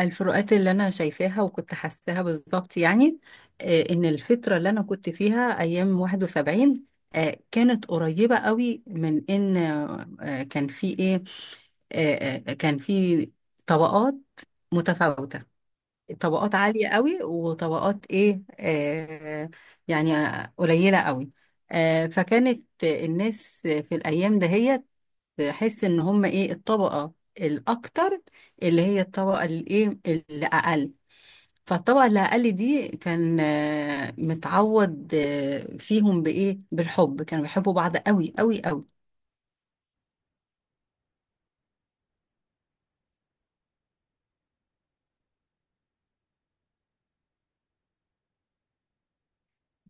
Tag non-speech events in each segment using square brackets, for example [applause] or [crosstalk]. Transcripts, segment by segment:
الفروقات اللي انا شايفاها وكنت حاساها بالظبط يعني، ان الفتره اللي انا كنت فيها ايام 71. كانت قريبه قوي من ان كان في ايه. كان في طبقات متفاوته. طبقات عاليه قوي وطبقات ايه، يعني قليله قوي. فكانت الناس في الايام دهيت تحس ان هم ايه الطبقة الاكتر اللي هي الطبقة الايه الاقل. فالطبقة الاقل دي كان متعود فيهم بايه بالحب، كانوا بيحبوا بعض قوي قوي قوي.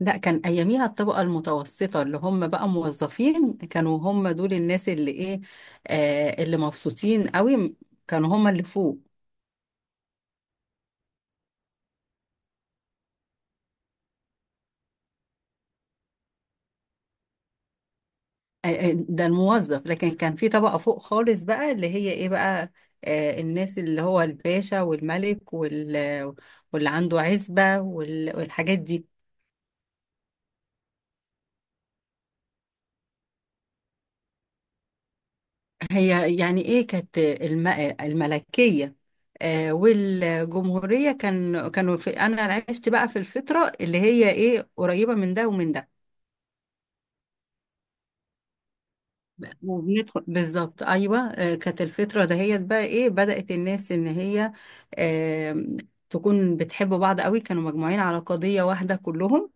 لا، كان اياميها الطبقة المتوسطة اللي هم بقى موظفين كانوا هم دول الناس اللي ايه، اللي مبسوطين قوي، كانوا هم اللي فوق. ده الموظف، لكن كان في طبقة فوق خالص بقى اللي هي ايه بقى. الناس اللي هو الباشا والملك واللي عنده عزبة والحاجات دي. هي يعني ايه، كانت الملكية والجمهورية، كانوا انا عشت بقى في الفترة اللي هي ايه قريبة من ده ومن ده. وبندخل بالظبط، ايوه. كانت الفتره دهيت بقى ايه، بدات الناس ان هي آم، تكون بتحب بعض قوي، كانوا مجموعين على قضيه واحده كلهم.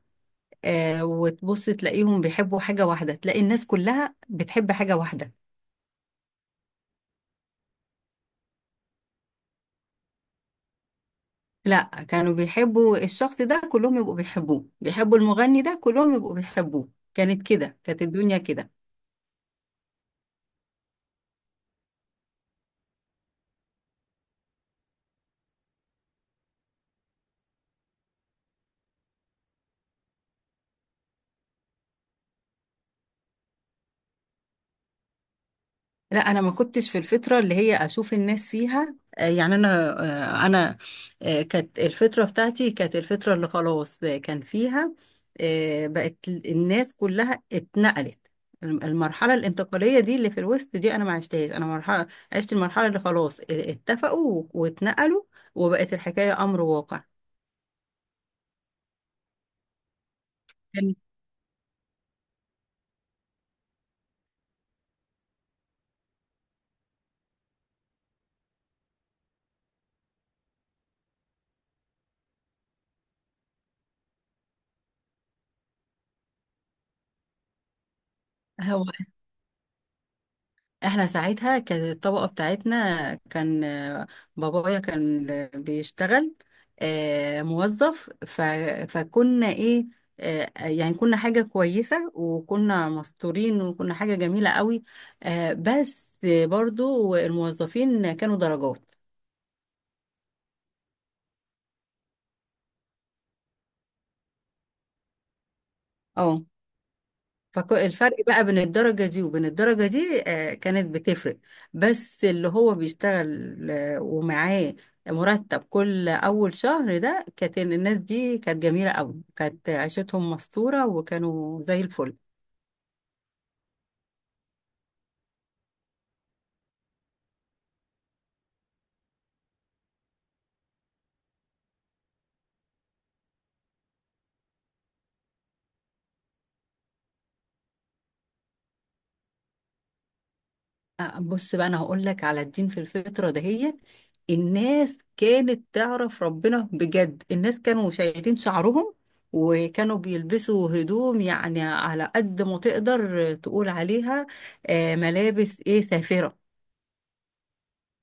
وتبص تلاقيهم بيحبوا حاجه واحده، تلاقي الناس كلها بتحب حاجه واحده. لا، كانوا بيحبوا الشخص ده كلهم يبقوا بيحبوه، بيحبوا المغني ده كلهم يبقوا بيحبوه. كانت كده، كانت الدنيا كده. لا، انا ما كنتش في الفتره اللي هي اشوف الناس فيها. يعني انا، آه، انا كانت الفتره بتاعتي، كانت الفتره اللي خلاص كان فيها، بقت الناس كلها اتنقلت. المرحله الانتقاليه دي اللي في الوسط دي انا ما عشتهاش، انا مرحله عشت المرحله اللي خلاص اتفقوا واتنقلوا وبقت الحكايه امر واقع. كان- هو احنا ساعتها كانت الطبقة بتاعتنا كان، بابايا كان بيشتغل موظف فكنا ايه، يعني كنا حاجة كويسة وكنا مستورين وكنا حاجة جميلة قوي. بس برضو الموظفين كانوا درجات. اه، فالفرق بقى بين الدرجة دي وبين الدرجة دي كانت بتفرق. بس اللي هو بيشتغل ومعاه مرتب كل أول شهر، ده كانت الناس دي كانت جميلة أوي، كانت عيشتهم مستورة وكانوا زي الفل. بص بقى، انا هقول لك على الدين. في الفتره دهيت الناس كانت تعرف ربنا بجد، الناس كانوا شايلين شعرهم وكانوا بيلبسوا هدوم يعني على قد ما تقدر تقول عليها، ملابس ايه سافره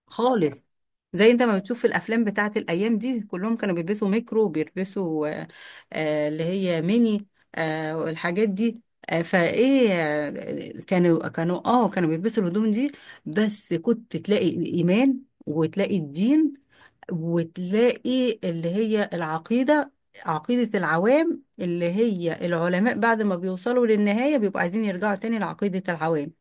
خالص. زي انت ما بتشوف في الافلام بتاعت الايام دي، كلهم كانوا بيلبسوا ميكرو، بيلبسوا اللي هي ميني والحاجات دي. فايه كانوا بيلبسوا الهدوم دي. بس كنت تلاقي الايمان وتلاقي الدين وتلاقي اللي هي العقيده، عقيده العوام. اللي هي العلماء بعد ما بيوصلوا للنهايه بيبقوا عايزين يرجعوا تاني لعقيده العوام.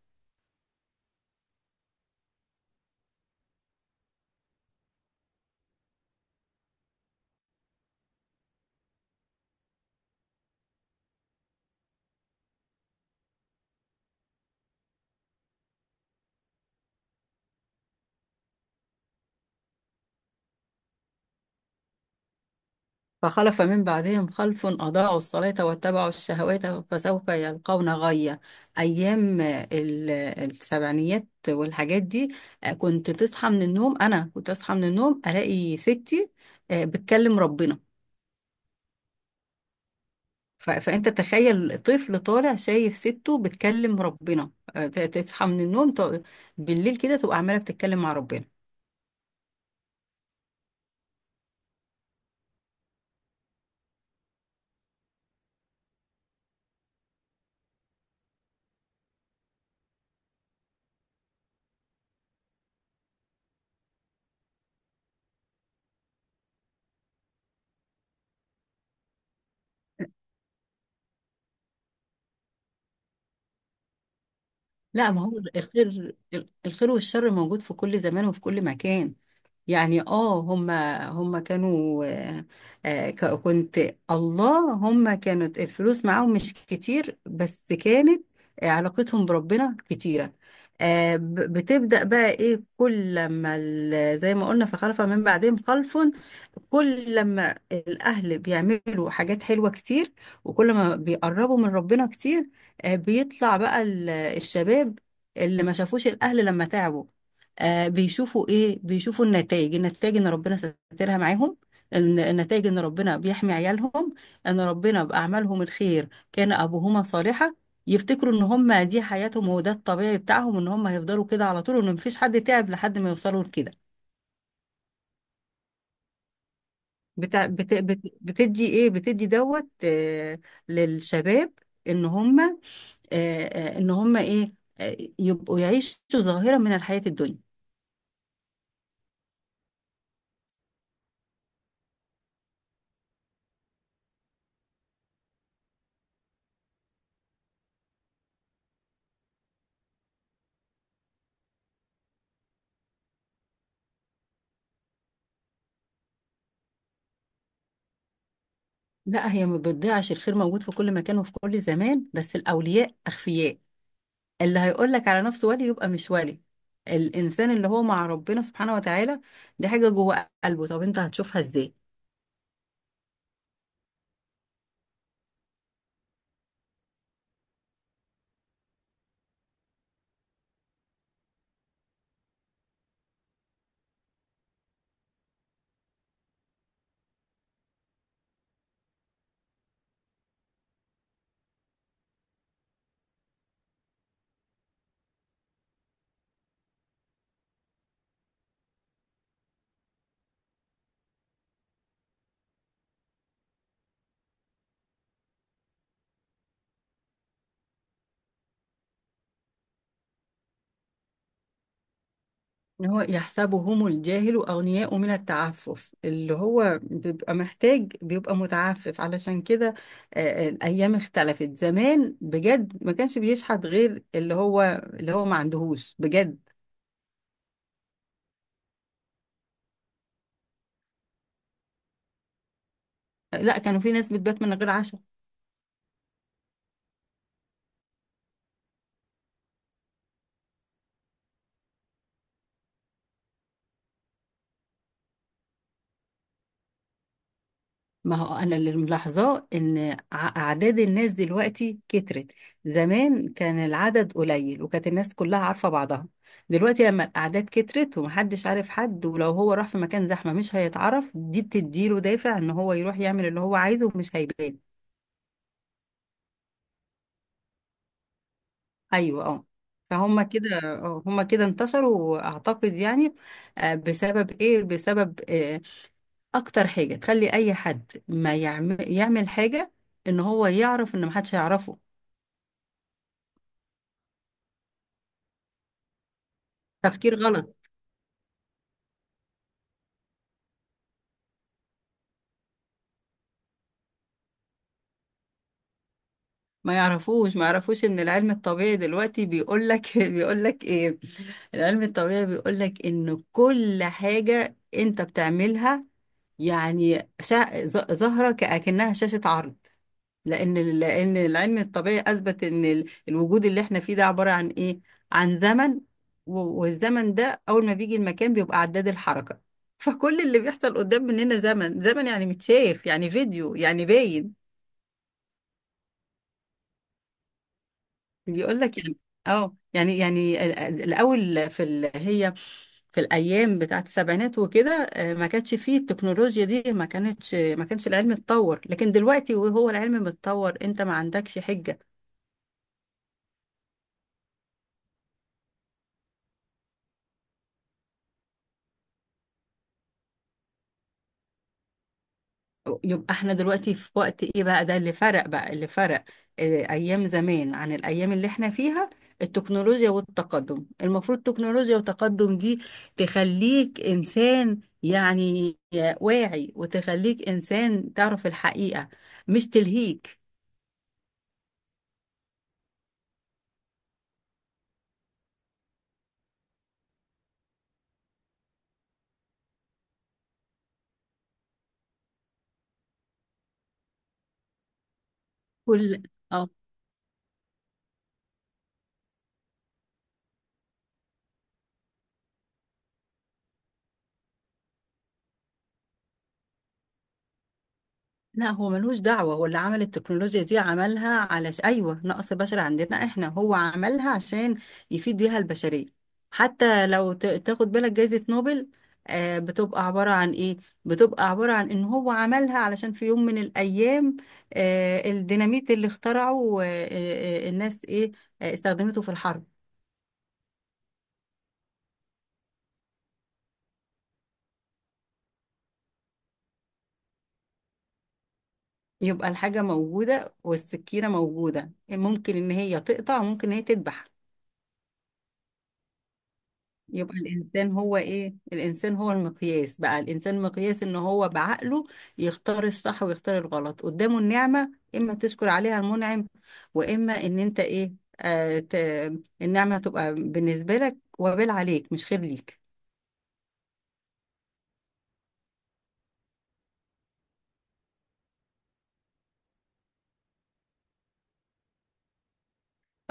فخلف من بعدهم خلف أضاعوا الصلاة واتبعوا الشهوات فسوف يلقون غيا. أيام السبعينيات والحاجات دي، كنت تصحى من النوم. أنا كنت أصحى من النوم ألاقي ستي بتكلم ربنا. فأنت تخيل طفل طالع شايف سته بتكلم ربنا، تصحى من النوم بالليل كده تبقى عمالة بتتكلم مع ربنا. لا، ما هو الخير، الخير والشر موجود في كل زمان وفي كل مكان. يعني اه، هما كانوا، آه، آه، ك- كنت الله، هما كانت الفلوس معاهم مش كتير بس كانت علاقتهم بربنا كتيرة. بتبدأ بقى ايه، زي ما قلنا فخلف من بعدهم خلف. كل لما الأهل بيعملوا حاجات حلوة كتير وكل ما بيقربوا من ربنا كتير، بيطلع بقى الشباب اللي ما شافوش الأهل لما تعبوا. بيشوفوا إيه، بيشوفوا النتائج. النتائج إن ربنا سترها معاهم، النتائج إن ربنا بيحمي عيالهم، إن ربنا بأعمالهم الخير كان أبوهما صالحا. يفتكروا إن هم دي حياتهم وده الطبيعي بتاعهم، إن هم هيفضلوا كده على طول وإن مفيش حد تعب لحد ما يوصلوا لكده. بتاع بت بت بتدي ايه بتدي دوت، للشباب ان هم، ان هم ايه، يبقوا يعيشوا ظاهرة من الحياة الدنيا. لا، هي ما بتضيعش. الخير موجود في كل مكان وفي كل زمان، بس الأولياء أخفياء. اللي هيقول لك على نفسه ولي يبقى مش ولي. الإنسان اللي هو مع ربنا سبحانه وتعالى، دي حاجة جوه قلبه، طب أنت هتشوفها إزاي؟ إن هو يحسبهم الجاهل أغنياء من التعفف، اللي هو بيبقى محتاج بيبقى متعفف علشان كده. الأيام اختلفت، زمان بجد ما كانش بيشحت غير اللي هو ما عندهوش بجد. لا، كانوا في ناس بتبات من غير عشاء. ما هو انا اللي ملاحظاه ان اعداد الناس دلوقتي كترت. زمان كان العدد قليل وكانت الناس كلها عارفة بعضها. دلوقتي لما الاعداد كترت ومحدش عارف حد، ولو هو راح في مكان زحمة مش هيتعرف، دي بتديله دافع ان هو يروح يعمل اللي هو عايزه ومش هيبان. ايوه، اه. فهم كده، هم كده انتشروا اعتقد، يعني بسبب ايه، بسبب اكتر حاجة تخلي اي حد ما يعمل يعمل حاجة، ان هو يعرف ان محدش هيعرفه. تفكير غلط. ما يعرفوش ما يعرفوش ان العلم الطبيعي دلوقتي بيقول لك [laughs] بيقول لك ايه، العلم الطبيعي بيقول لك ان كل حاجة انت بتعملها، يعني ظاهرة كأكنها شاشة عرض. لان العلم الطبيعي اثبت ان الوجود اللي احنا فيه ده عبارة عن ايه، عن زمن. والزمن ده اول ما بيجي المكان بيبقى عداد الحركة. فكل اللي بيحصل قدام مننا زمن، زمن يعني متشاف يعني فيديو يعني باين. بيقول لك يعني، اه يعني هي في الايام بتاعت السبعينات وكده، ما كانش فيه التكنولوجيا دي، ما كانش العلم اتطور. لكن دلوقتي وهو العلم متطور انت ما عندكش حجة. يبقى احنا دلوقتي في وقت ايه بقى، ده اللي فرق بقى، اللي فرق اه، ايام زمان عن الايام اللي احنا فيها. التكنولوجيا والتقدم، المفروض التكنولوجيا والتقدم دي تخليك انسان، يعني واعي، وتخليك انسان تعرف الحقيقة، مش تلهيك. كل اه لا، هو ملوش دعوة. هو اللي عمل التكنولوجيا دي عملها على أيوة، نقص بشر عندنا احنا. هو عملها عشان يفيد بيها البشرية. حتى لو تاخد بالك جايزة نوبل، بتبقى عبارة عن ايه، بتبقى عبارة عن ان هو عملها علشان في يوم من الأيام الديناميت اللي اخترعه، الناس ايه، استخدمته في الحرب. يبقى الحاجة موجودة والسكينة موجودة، ممكن ان هي تقطع وممكن ان هي تذبح. يبقى الإنسان هو إيه؟ الإنسان هو المقياس بقى. الإنسان مقياس إن هو بعقله يختار الصح ويختار الغلط. قدامه النعمة إما تشكر عليها المنعم، وإما إن أنت إيه؟ آه ت... النعمة تبقى بالنسبة لك وبال عليك مش خير ليك.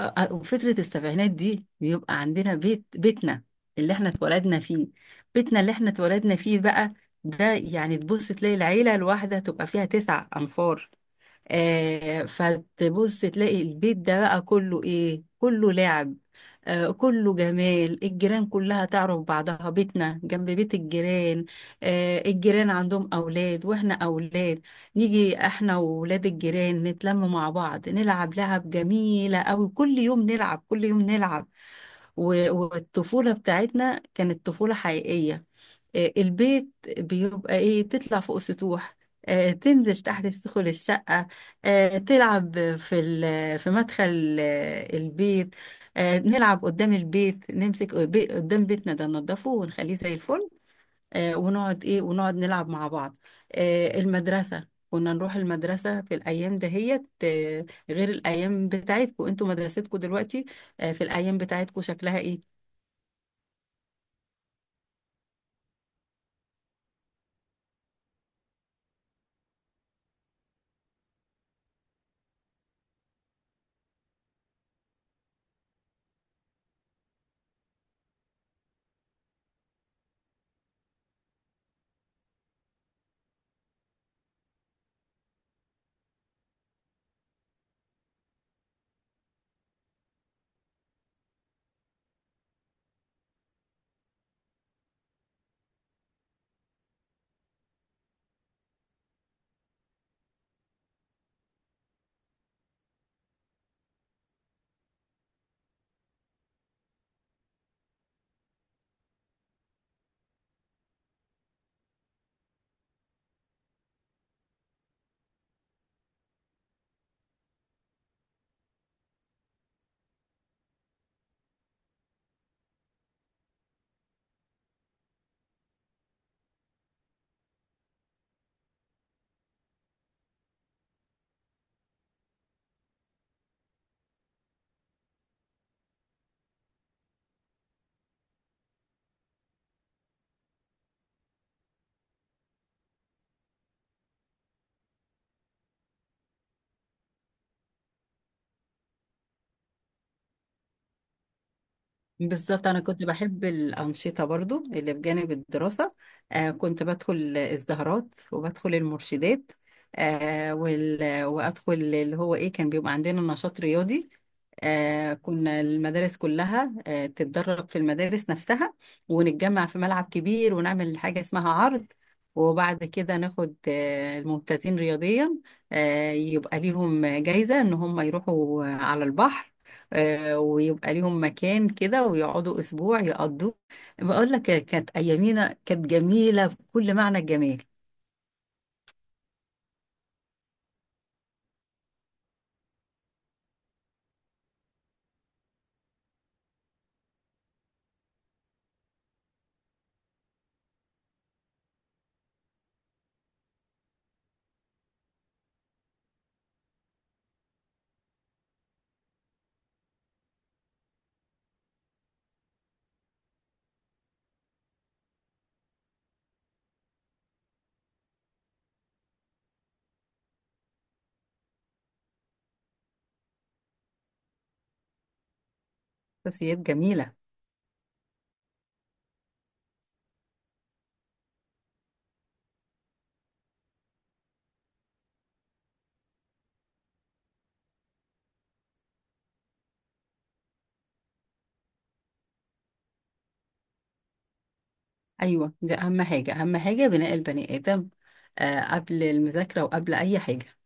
وفترة السبعينات دي بيبقى عندنا بيت، بيتنا اللي احنا اتولدنا فيه. بيتنا اللي احنا اتولدنا فيه بقى ده، يعني تبص تلاقي العيلة الواحدة تبقى فيها تسع أنفار. فتبص تلاقي البيت ده بقى كله ايه، كله لعب، كله جمال. الجيران كلها تعرف بعضها، بيتنا جنب بيت الجيران. الجيران عندهم اولاد واحنا اولاد، نيجي احنا وولاد الجيران نتلم مع بعض، نلعب لعب جميلة قوي، كل يوم نلعب كل يوم نلعب. والطفولة بتاعتنا كانت طفولة حقيقية. البيت بيبقى ايه، تطلع فوق سطوح، تنزل تحت تدخل الشقة، تلعب في مدخل البيت، نلعب قدام البيت، قدام بيتنا ده ننضفه ونخليه زي الفل، ونقعد ايه، ونقعد نلعب مع بعض. المدرسة، كنا نروح المدرسة في الأيام دهيت غير الأيام بتاعتكم انتوا، مدرستكم دلوقتي في الأيام بتاعتكم شكلها ايه؟ بالظبط، أنا كنت بحب الأنشطة برضو اللي بجانب الدراسة. كنت بدخل الزهرات وبدخل المرشدات وأدخل اللي هو إيه، كان بيبقى عندنا نشاط رياضي. كنا المدارس كلها تتدرب في المدارس نفسها، ونتجمع في ملعب كبير، ونعمل حاجة اسمها عرض. وبعد كده ناخد الممتازين رياضيا، يبقى ليهم جايزة إن هم يروحوا على البحر، ويبقى ليهم مكان كده ويقعدوا اسبوع يقضوه. بقول لك، كانت ايامينا كانت جميله بكل معنى الجمال. شخصيات جميله. ايوه، دي اهم حاجه، بناء البني ادم قبل المذاكره وقبل اي حاجه.